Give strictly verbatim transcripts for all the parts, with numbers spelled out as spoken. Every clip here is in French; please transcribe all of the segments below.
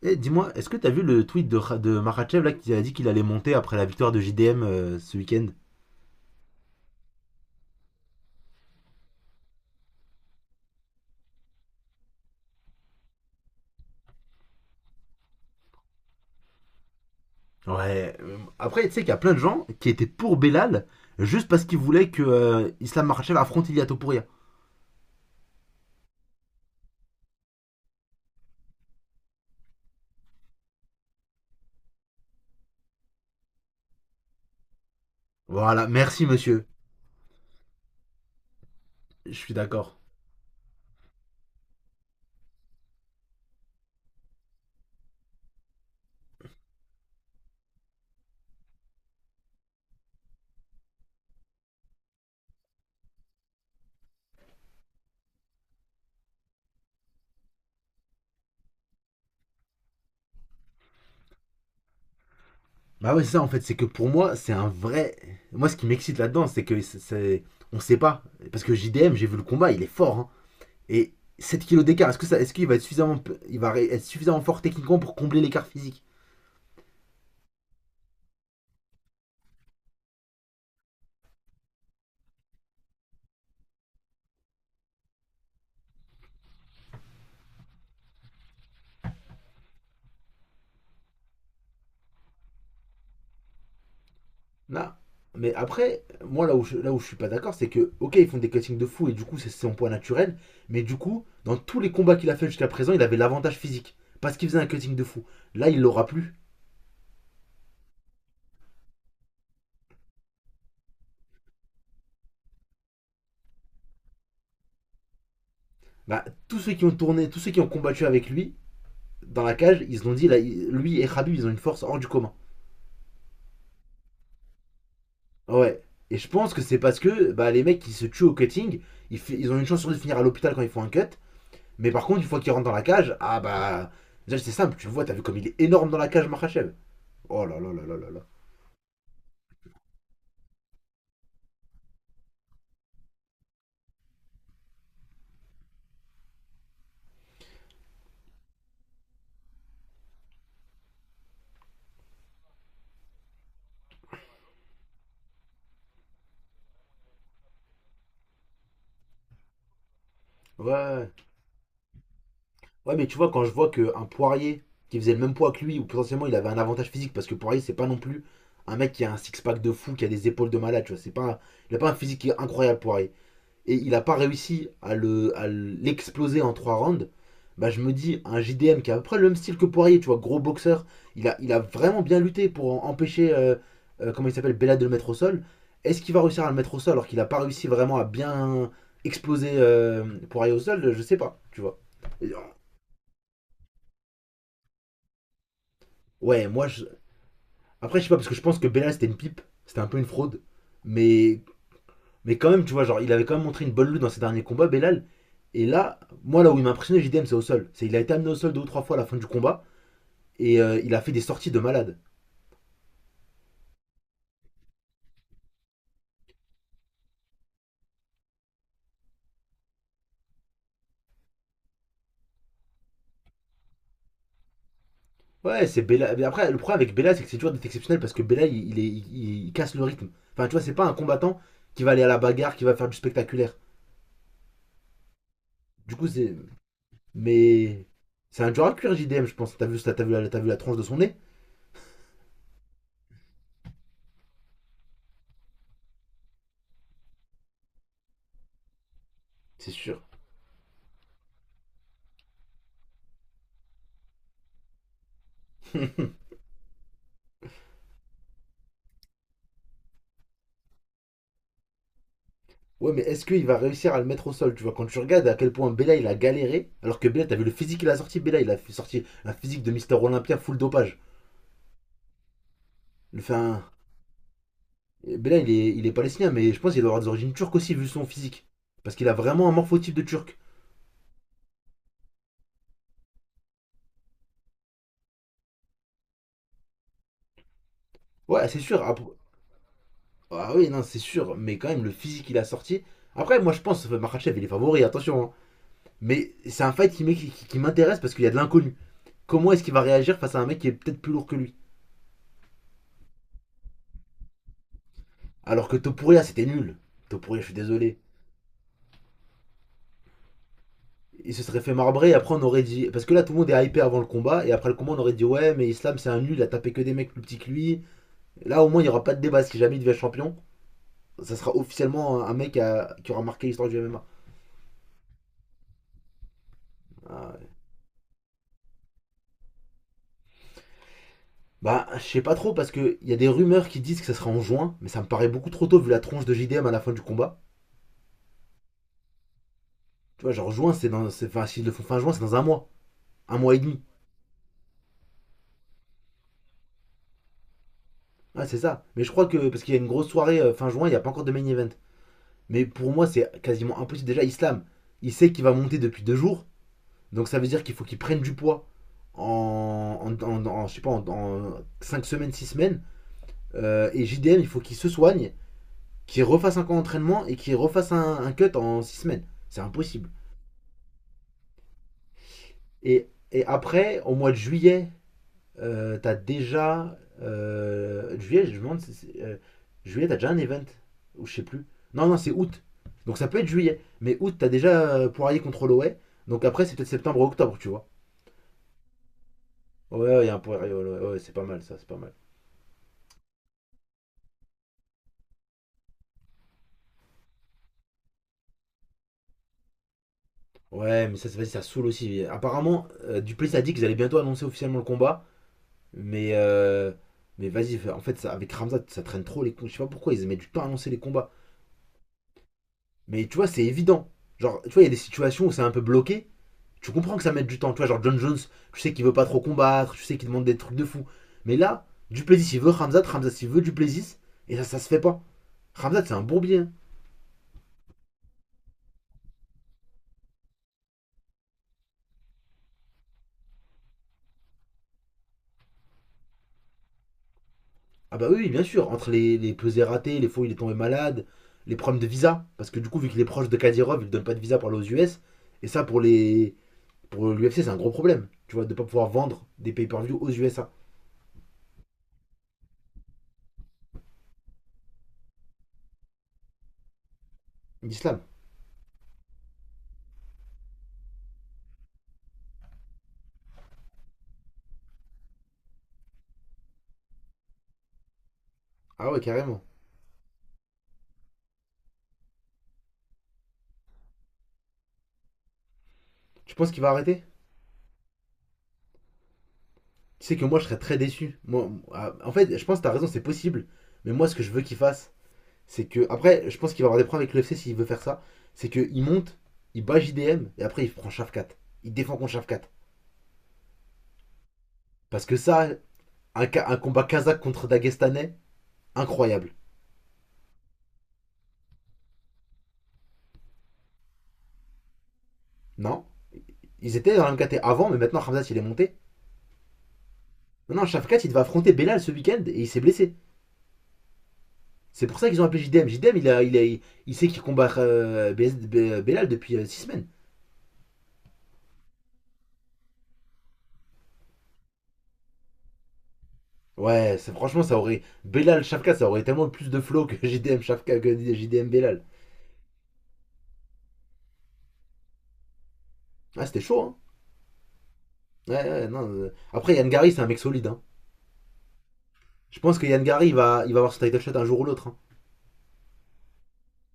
Eh, dis-moi, est-ce que t'as vu le tweet de, Ra- de Makhachev là qui a dit qu'il allait monter après la victoire de J D M euh, ce week-end. Ouais. euh, Après, tu sais qu'il y a plein de gens qui étaient pour Belal juste parce qu'ils voulaient que euh, Islam Makhachev affronte Ilia Topuria. Voilà, merci monsieur. Je suis d'accord. Bah ouais, c'est ça en fait, c'est que pour moi, c'est un vrai. Moi, ce qui m'excite là-dedans, c'est que c'est- c'est. On sait pas. Parce que J D M, j'ai vu le combat, il est fort, hein. Et sept kilos d'écart, est-ce que ça, est-ce qu'il va être suffisamment, il va être suffisamment fort techniquement pour combler l'écart physique? Non. Mais après, moi là où je, là où je suis pas d'accord, c'est que, ok, ils font des cuttings de fou et du coup, c'est son poids naturel. Mais du coup, dans tous les combats qu'il a fait jusqu'à présent, il avait l'avantage physique. Parce qu'il faisait un cutting de fou. Là, il l'aura plus. Bah, tous ceux qui ont tourné, tous ceux qui ont combattu avec lui, dans la cage, ils se l'ont dit, là, lui et Khabib, ils ont une force hors du commun. Ouais. Et je pense que c'est parce que bah, les mecs qui se tuent au cutting, ils, ils ont une chance sur deux de finir à l'hôpital quand ils font un cut. Mais par contre, une fois qu'ils rentrent dans la cage, ah bah. Déjà, c'est simple, tu le vois, t'as vu comme il est énorme dans la cage, Makhachev. Oh là là là là là là. Ouais. Ouais, mais tu vois, quand je vois qu'un Poirier qui faisait le même poids que lui, ou potentiellement il avait un avantage physique, parce que Poirier, c'est pas non plus un mec qui a un six-pack de fou, qui a des épaules de malade, tu vois. C'est pas, un- il a pas un physique qui est incroyable, Poirier. Et il n'a pas réussi à l'exploser le- à l'exploser en trois rounds, bah je me dis, un J D M qui a à peu près le même style que Poirier, tu vois, gros boxeur, il a, il a vraiment bien lutté pour empêcher, euh, euh, comment il s'appelle, Bella de le mettre au sol. Est-ce qu'il va réussir à le mettre au sol alors qu'il n'a pas réussi vraiment à bien exploser euh, Poirier au sol? Je sais pas, tu vois. euh, Ouais, moi, je... Après, je sais pas, parce que je pense que Bella c'était une pipe, c'était un peu une fraude, mais Mais quand même, tu vois, genre, il avait quand même montré une bonne lutte dans ses derniers combats, Belal. Et là, moi, là où il m'a impressionné, J D M, c'est au sol. C'est il a été amené au sol deux ou trois fois à la fin du combat et euh, il a fait des sorties de malade. Ouais, c'est Belal. Mais après, le problème avec Belal, c'est que c'est toujours d'être exceptionnel parce que Belal, il, il est- il- il casse le rythme. Enfin, tu vois, c'est pas un combattant qui va aller à la bagarre, qui va faire du spectaculaire. Du coup, c'est. Mais. C'est un dur à cuire, J D M, je pense. T'as vu, t'as vu, t'as vu la la tranche de son nez? C'est sûr. Ouais, mais est-ce qu'il va réussir à le mettre au sol? Tu vois, quand tu regardes à quel point Bella il a galéré, alors que Bella, t'as vu le physique qu'il a sorti. Bella, il a fait- sorti un physique de Mister Olympia full dopage. Enfin, Bella, il est, il est palestinien, mais je pense qu'il doit avoir des origines turques aussi, vu son physique. Parce qu'il a vraiment un morphotype de turc. Ouais, c'est sûr. Ah, pour- ah oui, non, c'est sûr, mais quand même, le physique qu'il a sorti. Après, moi, je pense que Makhachev, il est favori, attention, hein. Mais c'est un fight qui m'é- qui- qui m'intéresse parce qu'il y a de l'inconnu. Comment est-ce qu'il va réagir face à un mec qui est peut-être plus lourd que lui? Alors que Topuria, c'était nul. Topuria, je suis désolé. Il se serait fait marbrer et après on aurait dit. Parce que là tout le monde est hypé avant le combat et après le combat on aurait dit ouais mais Islam c'est un nul, il a tapé que des mecs plus petits que lui. Et là au moins il n'y aura pas de débat si jamais il devient champion. Ça sera officiellement un mec à- qui aura marqué l'histoire du M M A. Ah, ouais. Bah je sais pas trop parce que il y a des rumeurs qui disent que ça sera en juin, mais ça me paraît beaucoup trop tôt vu la tronche de J D M à la fin du combat. Tu vois genre juin c'est dans. Enfin s'ils le font fin juin c'est dans un mois. Un mois et demi. Ouais c'est ça. Mais je crois que parce qu'il y a une grosse soirée euh, fin juin, il n'y a pas encore de main event. Mais pour moi c'est quasiment impossible. Déjà Islam, il sait qu'il va monter depuis deux jours. Donc ça veut dire qu'il faut qu'ils prennent du poids en, en, en- en- je sais pas, en, en cinq semaines, six semaines. Euh, et J D M, il faut qu'il se soigne, qu'il refasse un camp d'entraînement et qu'il refasse un, un cut en six semaines. C'est impossible. Et, et après, au mois de juillet, euh, t'as déjà. euh, juillet, je me demande si euh, juillet, t'as déjà un event. Ou je sais plus. Non, non, c'est août. Donc ça peut être juillet. Mais août, t'as déjà euh, Poirier contre Holloway. Donc après, c'est peut-être septembre ou octobre, tu vois. Ouais, ouais, il y a un Poirier ouais. Ouais, ouais, c'est pas mal ça, c'est pas mal. Ouais, mais ça, c'est- vas-y, ça saoule aussi. Apparemment, euh, Duplessis a dit qu'ils allaient bientôt annoncer officiellement le combat. Mais, euh, mais vas-y, en fait, ça, avec Ramzat, ça traîne trop les combats. Je sais pas pourquoi ils mettent du temps à annoncer les combats. Mais tu vois, c'est évident. Genre, tu vois, il y a des situations où c'est un peu bloqué. Tu comprends que ça mette du temps. Tu vois, genre John Jones, tu sais qu'il veut pas trop combattre, tu sais qu'il demande des trucs de fou. Mais là, Duplessis, il veut Ramzat, Ramzat, il veut Duplessis. Et ça, ça se fait pas. Ramzat, c'est un bourbier, hein. Ah bah oui, bien sûr, entre les, les pesées ratées, les fois où il est tombé malade, les problèmes de visa, parce que du coup, vu qu'il est proche de Kadyrov, il ne donne pas de visa pour aller aux U S, et ça, pour les pour l'U F C, c'est un gros problème, tu vois, de ne pas pouvoir vendre des pay-per-view aux U S A. L'islam. Ah ouais, carrément. Tu penses qu'il va arrêter? Tu sais que moi, je serais très déçu. Moi, ah, en fait, je pense que t'as raison, c'est possible, mais moi, ce que je veux qu'il fasse, c'est que... Après, je pense qu'il va avoir des problèmes avec l'U F C s'il veut faire ça, c'est qu'il monte, il bat J D M, et après, il prend Shafkat. Il défend contre Shafkat. Parce que ça, Un, un combat kazakh contre Dagestanais, incroyable. Non. Ils étaient dans la M K T avant, mais maintenant Hamzat il est monté. Maintenant Shafkat il va affronter Belal ce week-end et il s'est blessé. C'est pour ça qu'ils ont appelé J D M. J D M il, a, il, a- il, il sait qu'il combat euh, Belal depuis euh, six semaines. Ouais, franchement ça aurait. Belal Shafkat ça aurait tellement plus de flow que J D M Shafkat que J D M Belal. Ah c'était chaud hein. Ouais, ouais, non. euh. Après Yann Gary c'est un mec solide, hein. Je pense que Yann Gary il va, il va avoir son title shot un jour ou l'autre, hein.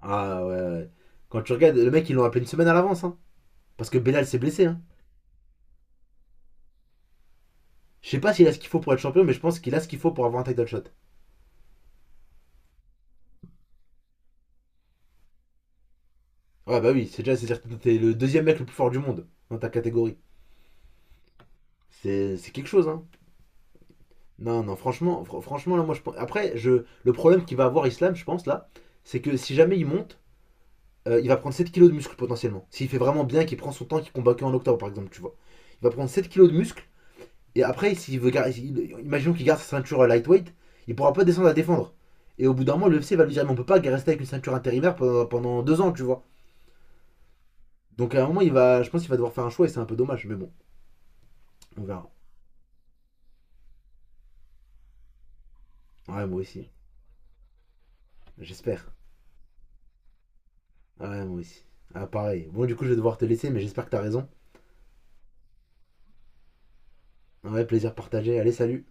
Ah ouais, ouais. Quand tu regardes, le mec ils l'ont appelé une semaine à l'avance, hein. Parce que Belal s'est blessé, hein. Je sais pas s'il a ce qu'il faut pour être champion, mais je pense qu'il a ce qu'il faut pour avoir un title shot. Ouais, bah oui, c'est déjà, c'est-à-dire que t'es le deuxième mec le plus fort du monde dans ta catégorie. C'est c'est quelque chose, hein. Non, non, franchement, fr- franchement, là, moi, je pense. Après, je, le problème qu'il va avoir Islam, je pense, là, c'est que si jamais il monte, euh, il va prendre sept kilos de muscle potentiellement. S'il fait vraiment bien, qu'il prend son temps, qu'il combat qu'en octobre, par exemple, tu vois. Il va prendre sept kilos de muscle. Et après, s'il veut garder, imaginons qu'il garde sa ceinture lightweight, il pourra pas descendre à défendre. Et au bout d'un moment, l'U F C va lui dire, mais on peut pas rester avec une ceinture intérimaire pendant, pendant, deux ans, tu vois. Donc à un moment, il va, je pense qu'il va devoir faire un choix et c'est un peu dommage, mais bon, on verra. Ouais, moi aussi, j'espère. Ouais, moi aussi. Ah, pareil. Bon, du coup, je vais devoir te laisser, mais j'espère que t'as raison. Ouais, plaisir partagé. Allez, salut.